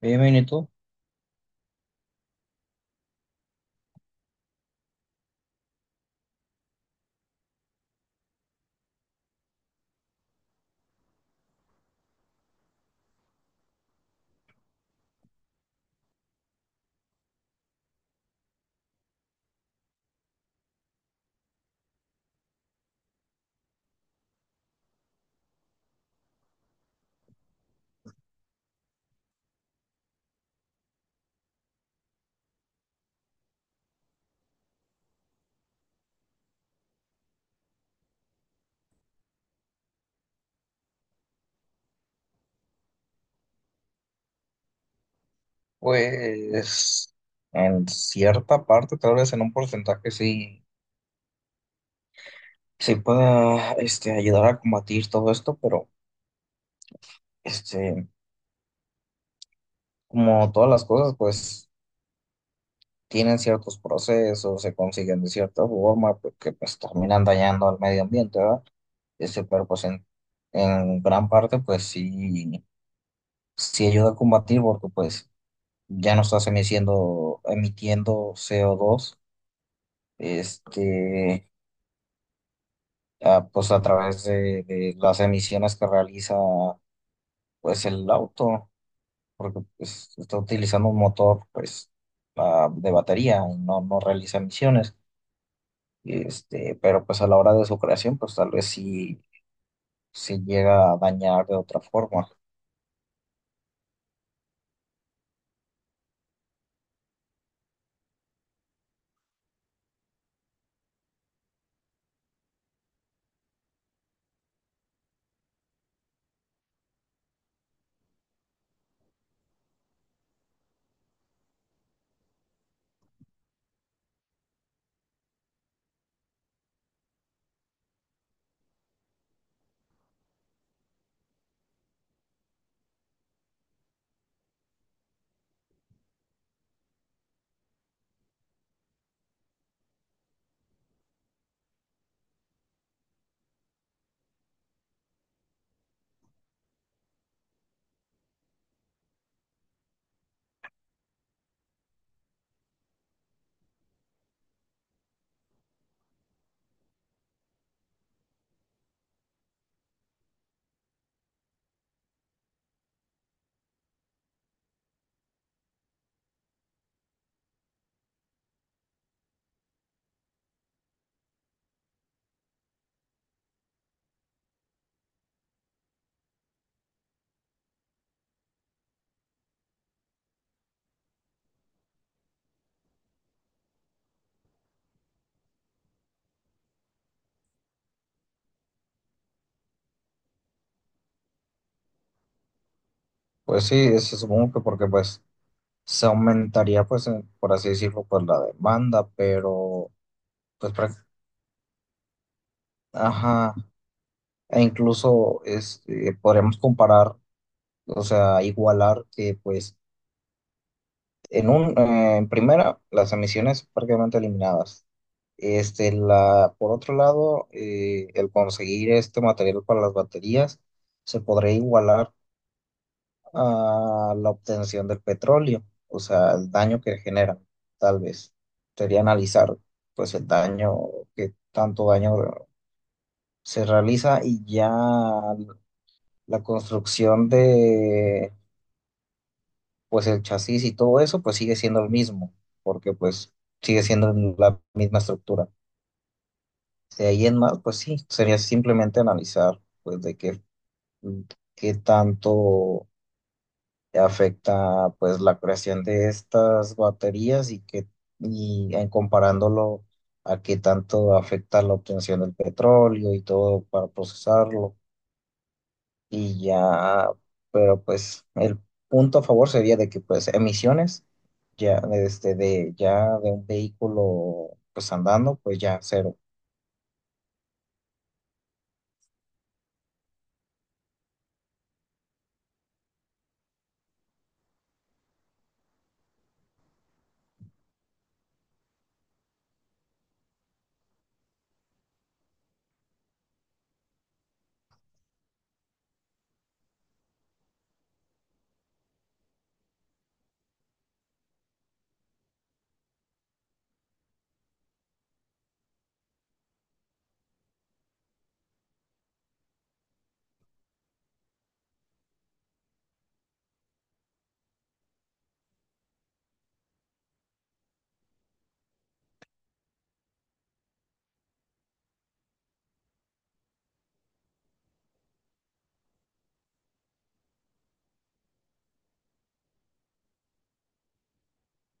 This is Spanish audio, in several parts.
Bien, bien, ¿y tú? Pues en cierta parte, tal vez en un porcentaje sí, sí pueda ayudar a combatir todo esto, pero este, como todas las cosas, pues tienen ciertos procesos, se consiguen de cierta forma, porque pues terminan dañando al medio ambiente, ¿verdad? Pero pues en gran parte, pues sí, sí ayuda a combatir, porque pues ya no estás emitiendo, emitiendo CO2. Este, pues a través de las emisiones que realiza pues el auto, porque pues, está utilizando un motor pues de batería y no, no realiza emisiones. Pero pues a la hora de su creación, pues tal vez sí se llega a dañar de otra forma. Pues sí, se supongo que porque pues se aumentaría pues por así decirlo pues la demanda, pero pues ajá, e incluso podríamos comparar, o sea, igualar que pues. En primera, las emisiones prácticamente eliminadas. Por otro lado, el conseguir este material para las baterías se podría igualar a la obtención del petróleo, o sea, el daño que genera, tal vez. Sería analizar, pues, el daño, que tanto daño se realiza y ya la construcción de pues el chasis y todo eso, pues sigue siendo el mismo, porque pues sigue siendo la misma estructura. De ahí en más, pues sí, sería simplemente analizar, pues, qué tanto afecta, pues, la creación de estas baterías y en comparándolo a qué tanto afecta la obtención del petróleo y todo para procesarlo. Y ya, pero pues el punto a favor sería de que pues emisiones ya de ya de un vehículo pues andando pues ya cero.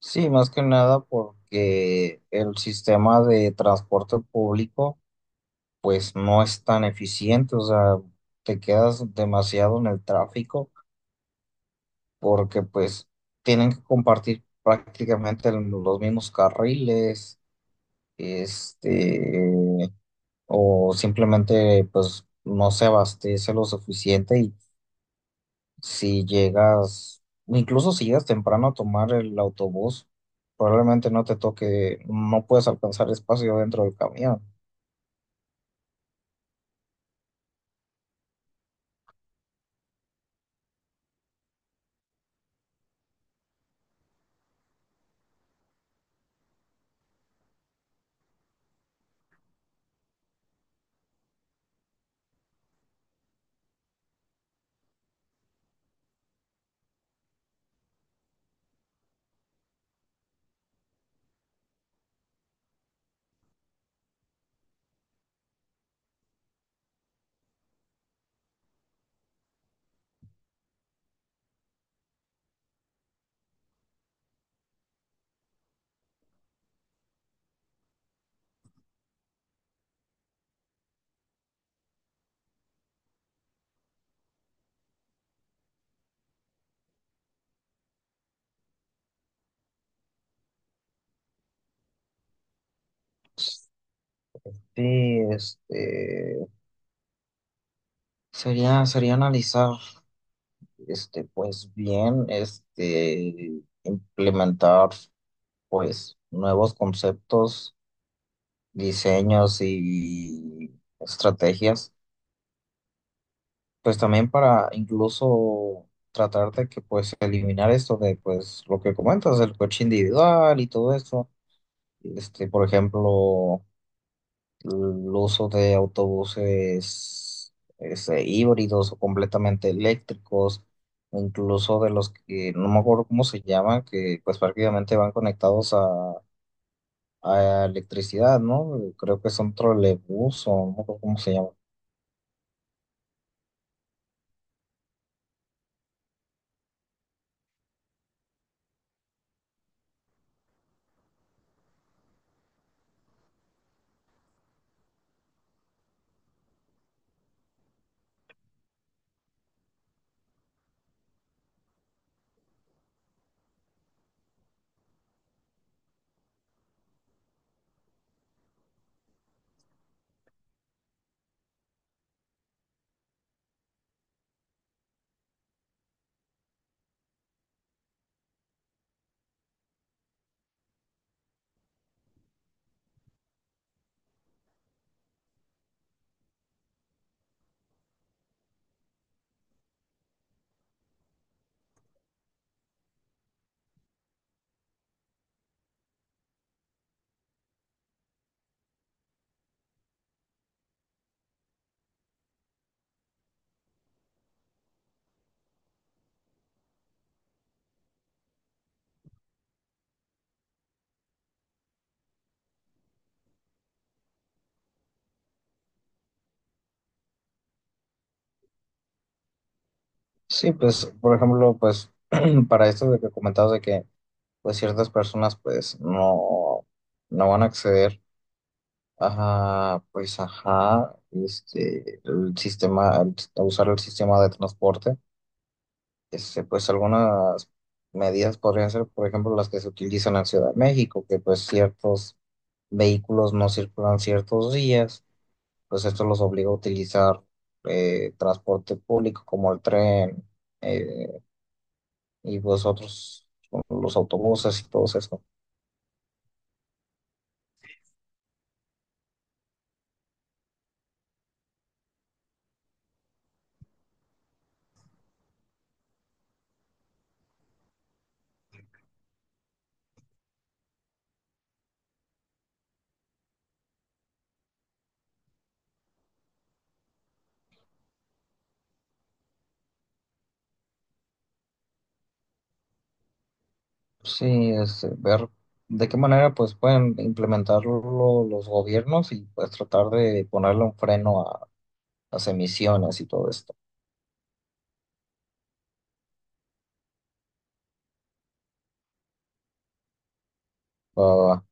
Sí, más que nada porque el sistema de transporte público pues no es tan eficiente, o sea, te quedas demasiado en el tráfico porque pues tienen que compartir prácticamente los mismos carriles, este o simplemente pues no se abastece lo suficiente y si llegas, incluso si llegas temprano a tomar el autobús, probablemente no te toque, no puedes alcanzar espacio dentro del camión. Sí, sería analizar, pues bien, implementar, pues, nuevos conceptos, diseños y estrategias pues también para incluso tratar de que pues eliminar esto de pues lo que comentas, el coche individual y todo esto, por ejemplo, el uso de autobuses híbridos o completamente eléctricos, o incluso de los que no me acuerdo cómo se llaman, que pues prácticamente van conectados a electricidad, ¿no? Creo que son trolebús o no me acuerdo cómo se llaman. Sí, pues, por ejemplo, pues para esto de que comentabas de que pues ciertas personas pues no, no van a acceder a, pues ajá, el sistema, a usar el sistema de transporte. Pues algunas medidas podrían ser, por ejemplo, las que se utilizan en Ciudad de México, que pues ciertos vehículos no circulan ciertos días, pues esto los obliga a utilizar transporte público como el tren eh, y pues otros, los autobuses y todo eso. Sí, ver de qué manera pues pueden implementarlo los gobiernos y pues tratar de ponerle un freno a las emisiones y todo esto. Ah,